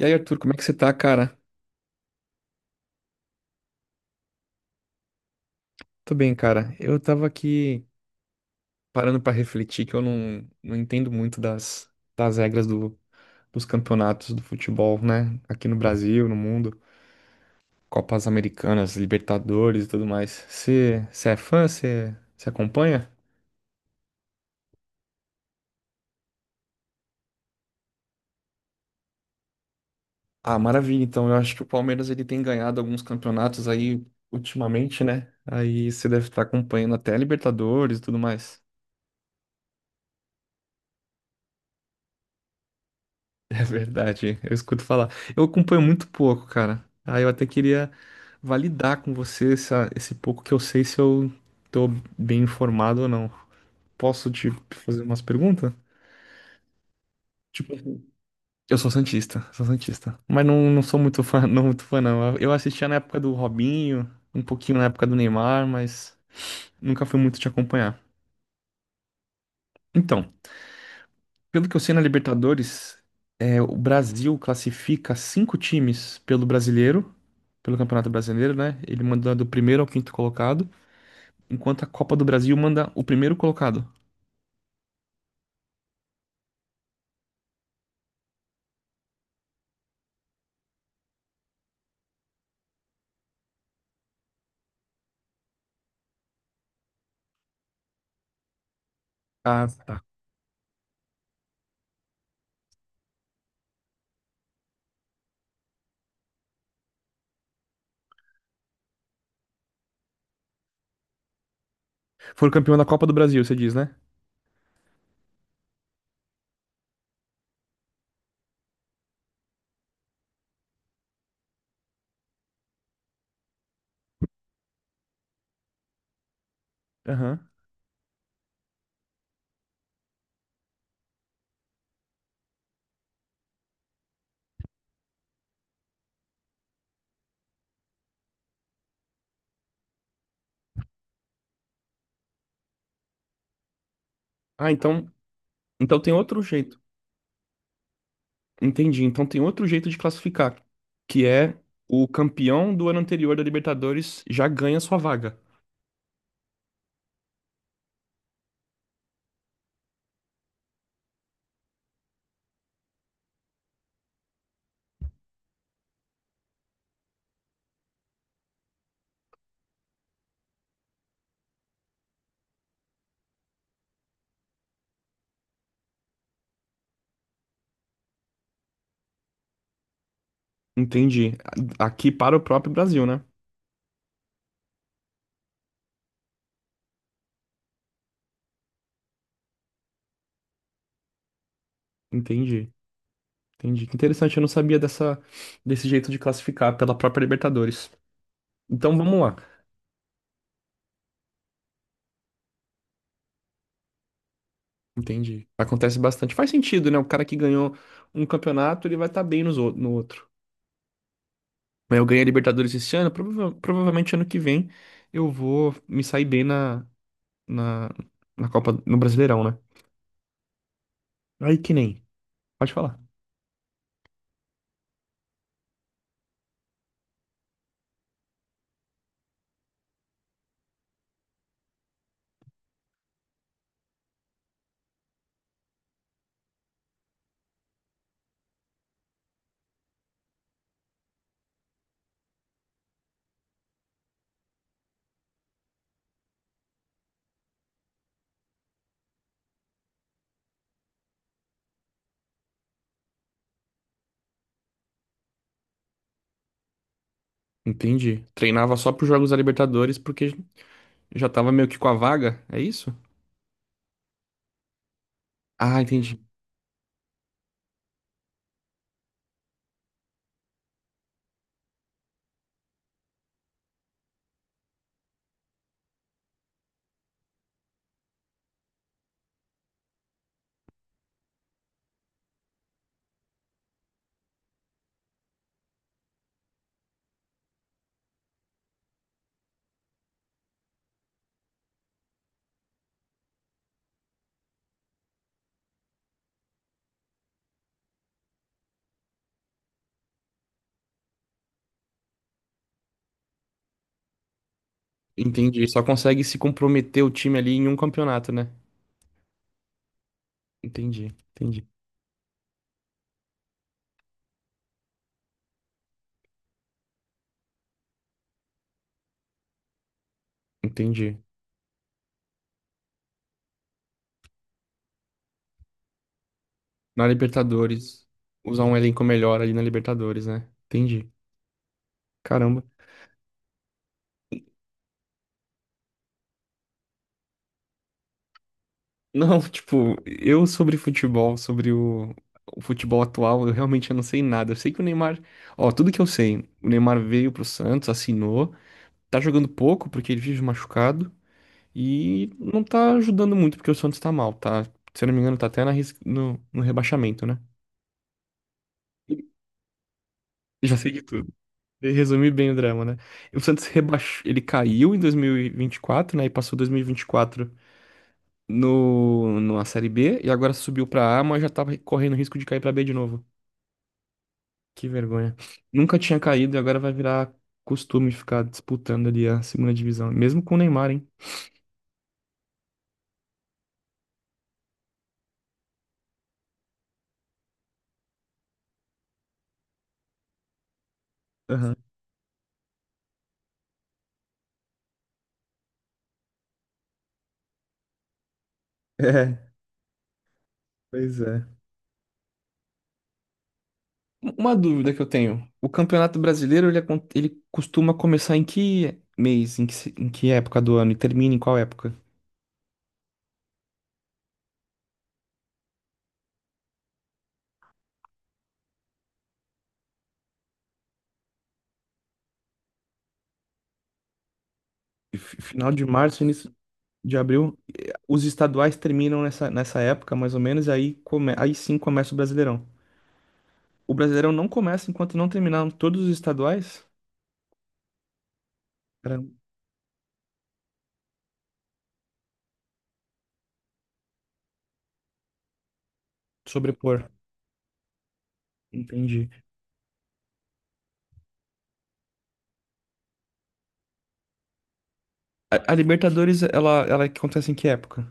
E aí, Arthur, como é que você tá, cara? Tô bem, cara. Eu tava aqui parando pra refletir que eu não entendo muito das regras do, dos campeonatos do futebol, né? Aqui no Brasil, no mundo. Copas Americanas, Libertadores e tudo mais. Você é fã? Você acompanha? Ah, maravilha. Então, eu acho que o Palmeiras ele tem ganhado alguns campeonatos aí ultimamente, né? Aí você deve estar acompanhando até a Libertadores e tudo mais. É verdade, eu escuto falar. Eu acompanho muito pouco, cara. Aí eu até queria validar com você esse pouco que eu sei se eu tô bem informado ou não. Posso te fazer umas perguntas? Tipo, eu sou santista, sou santista. Mas não sou muito fã, não muito fã, não. Eu assistia na época do Robinho, um pouquinho na época do Neymar, mas nunca fui muito te acompanhar. Então, pelo que eu sei na Libertadores, o Brasil classifica cinco times pelo Brasileiro, pelo Campeonato Brasileiro, né? Ele manda do primeiro ao quinto colocado, enquanto a Copa do Brasil manda o primeiro colocado. Ah, tá. Foi o campeão da Copa do Brasil, você diz, né? Aham. Ah, então, então tem outro jeito. Entendi. Então tem outro jeito de classificar, que é o campeão do ano anterior da Libertadores já ganha sua vaga. Entendi. Aqui para o próprio Brasil, né? Entendi. Entendi. Que interessante, eu não sabia dessa, desse jeito de classificar pela própria Libertadores. Então vamos lá. Entendi. Acontece bastante. Faz sentido, né? O cara que ganhou um campeonato, ele vai estar bem no outro. Mas eu ganhei a Libertadores esse ano, provavelmente ano que vem eu vou me sair bem na, na, na Copa, no Brasileirão, né? Aí que nem. Pode falar. Entendi. Treinava só pros jogos da Libertadores porque já tava meio que com a vaga, é isso? Ah, entendi. Entendi. Só consegue se comprometer o time ali em um campeonato, né? Entendi, entendi, entendi. Na Libertadores, usar um elenco melhor ali na Libertadores, né? Entendi. Caramba. Não, tipo, eu sobre futebol, o futebol atual, eu realmente não sei nada. Eu sei que o Neymar, ó, tudo que eu sei, o Neymar veio pro Santos, assinou, tá jogando pouco porque ele vive machucado e não tá ajudando muito porque o Santos tá mal, tá? Se eu não me engano, tá até na, ris- no, no rebaixamento, né? Já sei de tudo. Resumir bem o drama, né? O Santos rebaixou, ele caiu em 2024, né? E passou 2024 no, numa Série B e agora subiu pra A, mas já tava correndo risco de cair pra B de novo. Que vergonha. Nunca tinha caído e agora vai virar costume de ficar disputando ali a segunda divisão, mesmo com o Neymar, hein? Aham. É, pois é. Uma dúvida que eu tenho. O Campeonato Brasileiro, ele, ele costuma começar em que mês, em que, em que época do ano e termina em qual época? Final de março, início de abril. E os estaduais terminam nessa, nessa época, mais ou menos, e aí, aí sim começa o Brasileirão. O Brasileirão não começa enquanto não terminaram todos os estaduais? Para sobrepor. Entendi. A Libertadores, ela acontece em que época?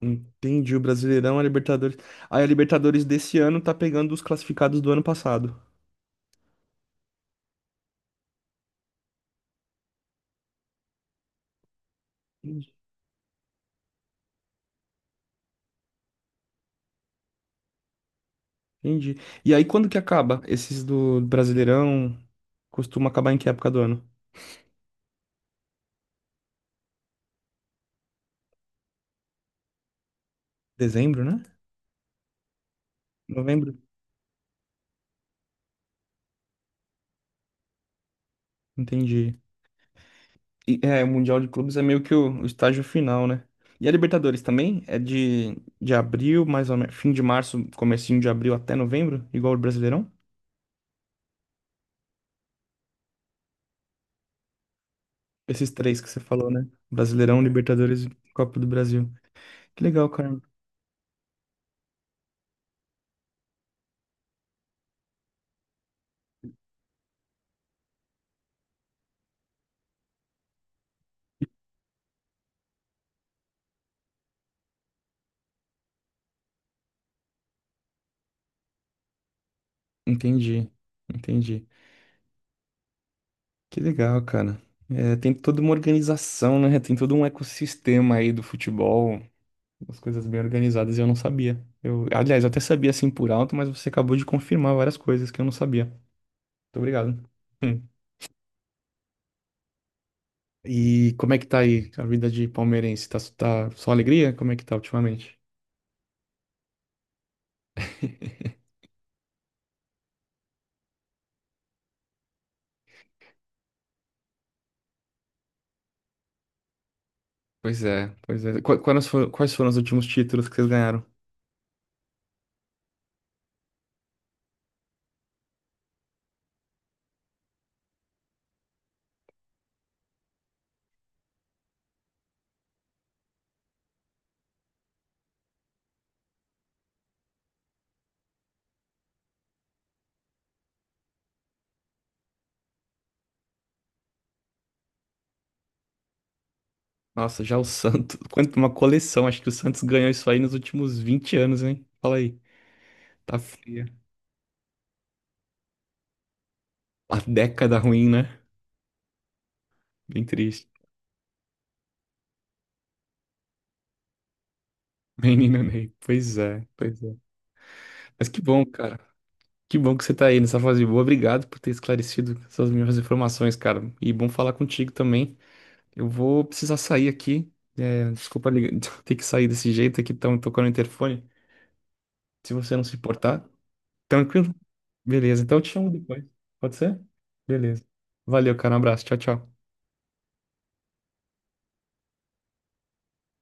Entendi. O Brasileirão, a Libertadores. Aí a Libertadores desse ano tá pegando os classificados do ano passado. Entendi. Entendi. E aí, quando que acaba? Esses do Brasileirão costuma acabar em que época do ano? Dezembro, né? Novembro? Entendi. E, é, o Mundial de Clubes é meio que o estágio final, né? E a Libertadores também? É de abril, mais ou menos, fim de março, comecinho de abril até novembro, igual o Brasileirão? Esses três que você falou, né? Brasileirão, Libertadores e Copa do Brasil. Que legal, cara. Entendi, entendi. Que legal, cara. É, tem toda uma organização, né? Tem todo um ecossistema aí do futebol, as coisas bem organizadas, e eu não sabia. Eu, aliás, eu até sabia assim por alto, mas você acabou de confirmar várias coisas que eu não sabia. Muito obrigado. E como é que tá aí a vida de palmeirense? Tá só alegria? Como é que tá ultimamente? Pois é, pois é. Quais foram os últimos títulos que vocês ganharam? Nossa, já o Santos. Quanto uma coleção. Acho que o Santos ganhou isso aí nos últimos 20 anos, hein? Fala aí. Tá fria. A década ruim, né? Bem triste. Menino Ney. Pois é, pois é. Mas que bom, cara. Que bom que você tá aí nessa fase boa. Obrigado por ter esclarecido essas minhas informações, cara. E bom falar contigo também. Eu vou precisar sair aqui. É, desculpa ter que sair desse jeito aqui, estão tocando o interfone. Se você não se importar, tranquilo? Beleza, então eu te chamo depois. Pode ser? Beleza. Valeu, cara. Um abraço. Tchau, tchau.